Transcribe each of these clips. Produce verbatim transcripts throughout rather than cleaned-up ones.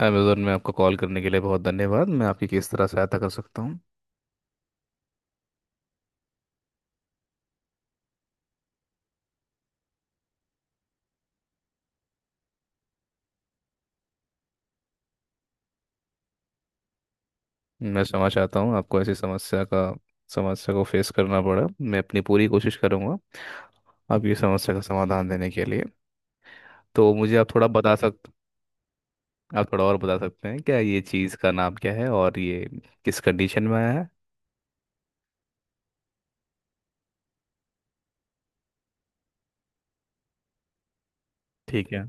Amazon में आपको call करने के लिए बहुत धन्यवाद। मैं आपकी किस तरह सहायता कर सकता हूँ? मैं क्षमा चाहता हूँ आपको ऐसी समस्या का समस्या को फेस करना पड़ा। मैं अपनी पूरी कोशिश करूँगा आपकी समस्या का समाधान देने के लिए। तो मुझे आप थोड़ा बता सकते, आप थोड़ा और बता सकते हैं क्या, ये चीज़ का नाम क्या है और ये किस कंडीशन में आया है? ठीक है।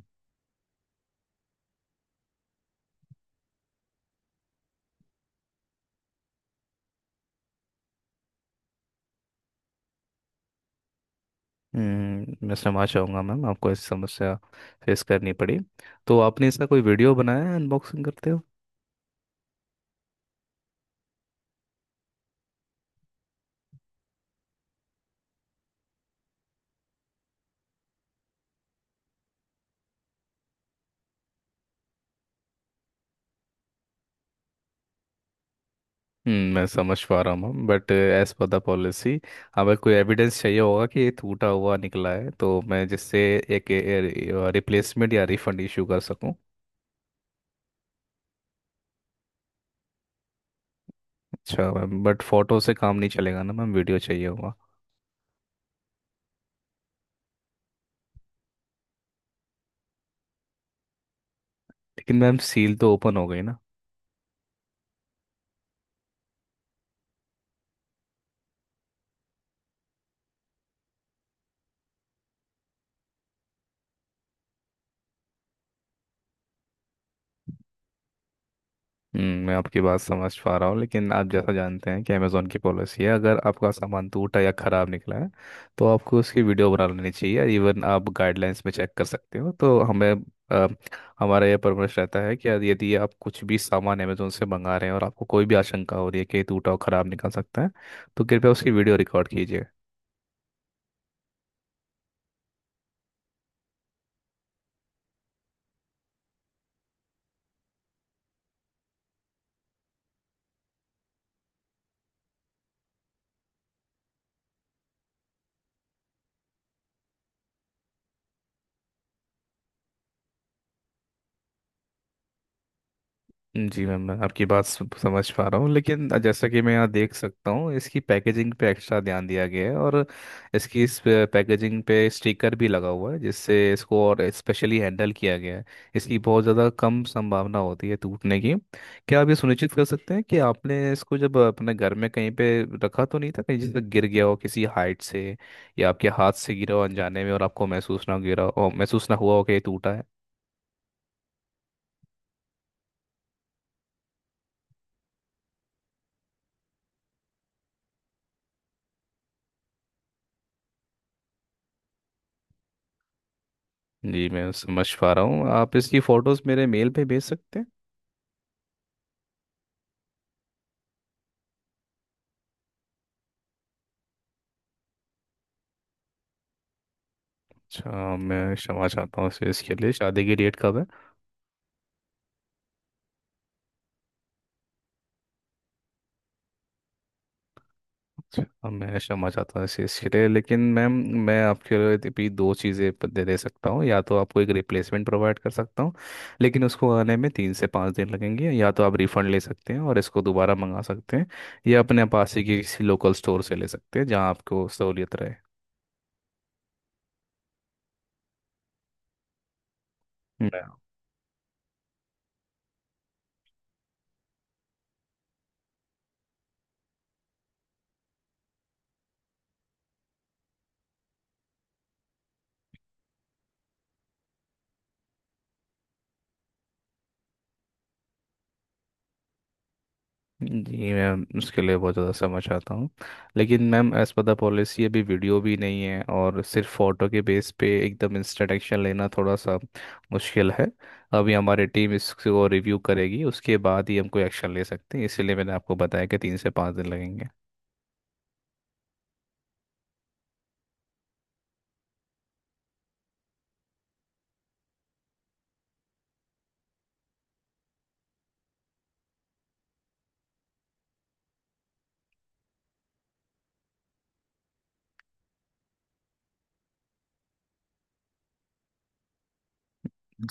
हम्म, मैं क्षमा चाहूँगा मैम आपको ऐसी समस्या फेस करनी पड़ी। तो आपने इसका कोई वीडियो बनाया है अनबॉक्सिंग करते? हम्म, मैं समझ पा रहा हूँ but as per the policy अगर कोई एविडेंस चाहिए होगा कि ये टूटा हुआ निकला है तो मैं जिससे एक रिप्लेसमेंट या रिफंड इशू कर सकूँ। अच्छा मैम बट फोटो से काम नहीं चलेगा ना मैम, वीडियो चाहिए होगा। लेकिन मैम सील तो ओपन हो गई ना। हम्म, मैं आपकी बात समझ पा रहा हूँ लेकिन आप जैसा जानते हैं कि अमेज़ॉन की पॉलिसी है, अगर आपका सामान टूटा या ख़राब निकला है तो आपको उसकी वीडियो बना लेनी चाहिए। इवन आप गाइडलाइंस में चेक कर सकते हो। तो हमें अ, हमारा यह परामर्श रहता है कि यदि यदि आप कुछ भी सामान अमेज़ॉन से मंगा रहे हैं और आपको कोई भी आशंका हो रही है कि ये टूटा और ख़राब निकल सकता है तो कृपया उसकी वीडियो रिकॉर्ड कीजिए। जी मैम मैं आपकी बात सम- समझ पा रहा हूँ लेकिन जैसा कि मैं यहाँ देख सकता हूँ, इसकी पैकेजिंग पे एक्स्ट्रा ध्यान दिया गया है और इसकी इस पे- पैकेजिंग पे स्टिकर भी लगा हुआ है जिससे इसको और स्पेशली हैंडल किया गया है। इसकी बहुत ज़्यादा कम संभावना होती है टूटने की। क्या आप ये सुनिश्चित कर सकते हैं कि आपने इसको जब अपने घर में कहीं पे रखा तो नहीं था, कहीं जैसे गिर गया हो किसी हाइट से या आपके हाथ से गिरा हो अनजाने में और आपको महसूस ना गिरा हो महसूस ना हुआ हो कि ये टूटा है? जी मैं समझ पा रहा हूँ, आप इसकी फ़ोटोज़ मेरे मेल पे भेज सकते हैं। अच्छा मैं क्षमा चाहता हूँ इसे इसके लिए, शादी की डेट कब है? अच्छा अब मैं क्षमा चाहता हूँ इसे इसके लिए लेकिन मैम, मैं आपके लिए भी दो चीज़ें प- दे दे सकता हूँ। या तो आपको एक रिप्लेसमेंट प्रोवाइड कर सकता हूँ लेकिन उसको आने में तीन से पाँच दिन लगेंगे, या तो आप रिफ़ंड ले सकते हैं और इसको दोबारा मंगा सकते हैं या अपने पास ही किसी लोकल स्टोर से ले सकते हैं जहाँ आपको सहूलियत रहे। जी मैम उसके लिए बहुत ज़्यादा समझ आता हूँ लेकिन ma'am as per the policy अभी वीडियो भी नहीं है और सिर्फ फ़ोटो के बेस पे एकदम इंस्टेंट एक्शन लेना थोड़ा सा मुश्किल है। अभी हमारी टीम इसको रिव्यू करेगी, उसके बाद ही हम कोई एक्शन ले सकते हैं, इसीलिए मैंने आपको बताया कि तीन से पाँच दिन लगेंगे।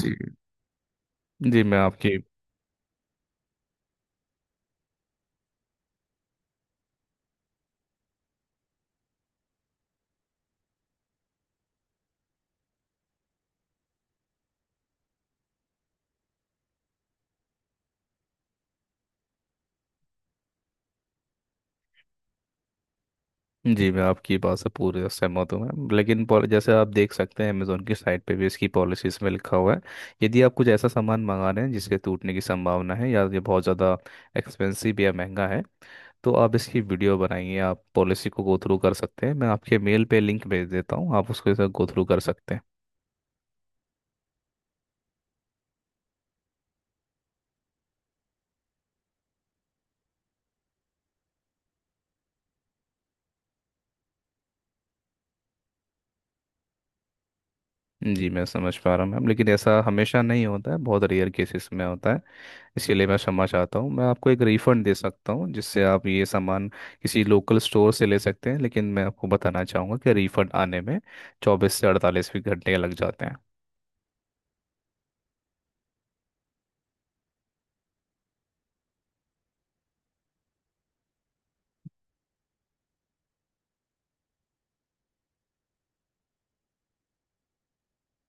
जी। जी मैं आपकी जी मैं आपकी बात से पूरी सहमत हूँ मैं, लेकिन पॉल- जैसे आप देख सकते हैं अमेजोन की साइट पे भी इसकी पॉलिसीज में लिखा हुआ है, यदि आप कुछ ऐसा सामान मंगा रहे हैं जिसके टूटने की संभावना है या ये बहुत ज़्यादा एक्सपेंसिव या महंगा है तो आप इसकी वीडियो बनाइए। आप पॉलिसी को गो थ्रू कर सकते हैं, मैं आपके मेल पे लिंक भेज देता हूँ, आप उसके साथ गो थ्रू कर सकते हैं। जी मैं समझ पा रहा हूँ मैम, लेकिन ऐसा हमेशा नहीं होता है, बहुत रेयर केसेस में होता है। इसीलिए मैं क्षमा चाहता हूँ, मैं आपको एक रिफंड दे सकता हूँ जिससे आप ये सामान किसी लोकल स्टोर से ले सकते हैं, लेकिन मैं आपको बताना चाहूँगा कि रिफंड आने में चौबीस से अड़तालीस भी घंटे लग जाते हैं।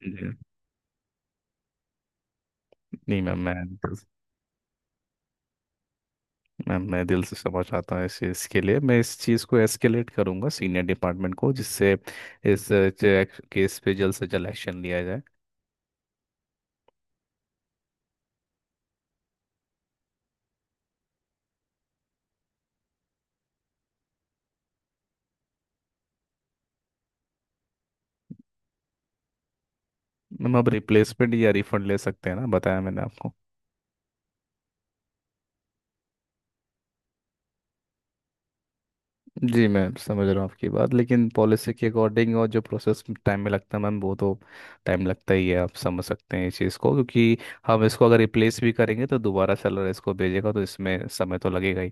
जी। नहीं मैम मैं दिल- मैम मैं दिल से क्षमा चाहता हूँ इस चीज़ के लिए। मैं इस चीज़ को एस्केलेट करूँगा सीनियर डिपार्टमेंट को, जिससे इस अ, चे- केस पे जल्द से जल्द एक्शन लिया जाए। मैम आप रिप्लेसमेंट या रिफंड ले सकते हैं ना, बताया मैंने आपको। जी मैं समझ रहा हूँ आपकी बात, लेकिन पॉलिसी के अकॉर्डिंग और जो प्रोसेस टाइम में लगता है मैम, वो तो टाइम लगता ही है। आप समझ सकते हैं इस चीज़ को क्योंकि हम इसको अगर रिप्लेस भी करेंगे तो दोबारा सेलर इसको भेजेगा, तो इसमें समय तो लगेगा ही।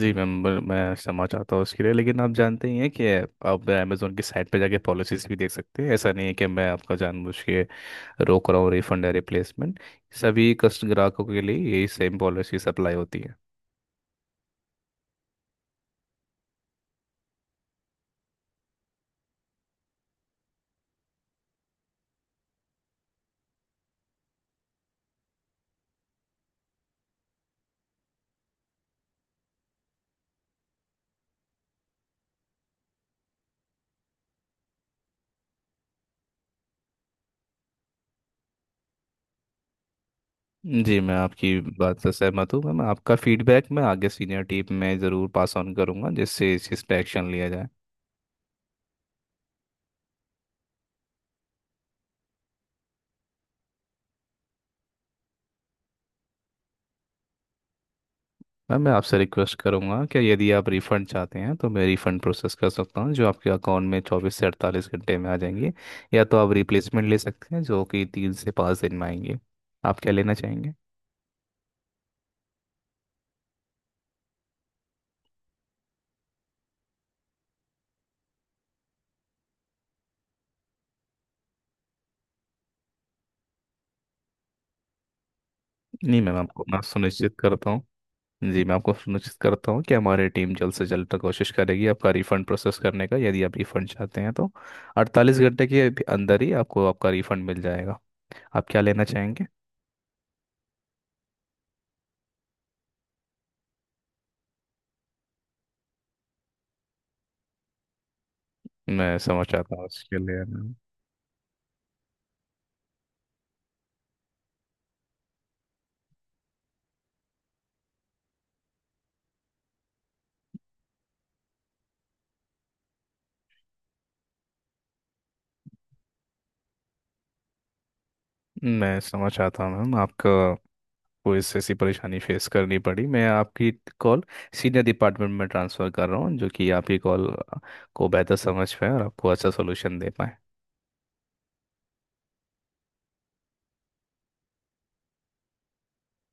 जी मैम ब- मैं क्षमा चाहता हूँ उसके लिए लेकिन आप जानते ही हैं कि आप अमेजोन की साइट पे जाके पॉलिसीज भी देख सकते हैं। ऐसा नहीं है कि मैं आपका जानबूझ के रोक रहा हूँ रिफंड या रिप्लेसमेंट। सभी कस्ट ग्राहकों के लिए यही सेम पॉलिसी अप्लाई होती है। जी मैं आपकी बात से सहमत हूँ मैम, आपका फीडबैक मैं आगे सीनियर टीम में ज़रूर पास ऑन करूँगा जिससे इस चीज़ पे एक्शन लिया जाए। मैम मैं आपसे रिक्वेस्ट करूँगा कि यदि आप रिफ़ंड चाहते हैं तो मैं रिफ़ंड प्रोसेस कर सकता हूँ जो आपके अकाउंट में चौबीस से अड़तालीस घंटे में आ जाएंगे, या तो आप रिप्लेसमेंट ले सकते हैं जो कि तीन से पाँच दिन में आएंगे। आप क्या लेना चाहेंगे? नहीं मैम आपको मैं सुनिश्चित करता हूँ। जी मैं आपको सुनिश्चित करता हूँ कि हमारी टीम जल्द से जल्द कोशिश करेगी आपका रिफंड प्रोसेस करने का। यदि आप रिफंड चाहते हैं तो अड़तालीस घंटे के अभी- अंदर ही आपको आपका रिफंड मिल जाएगा। आप क्या लेना चाहेंगे? मैं समझ चाहता हूँ उसके लिए मैम। मैं समझ चाहता हूँ मैम आपका, कोई ऐसी ऐसी परेशानी फेस करनी पड़ी। मैं आपकी कॉल सीनियर डिपार्टमेंट में ट्रांसफ़र कर रहा हूँ, जो कि आपकी कॉल को बेहतर समझ पाए और आपको अच्छा सोल्यूशन दे पाए।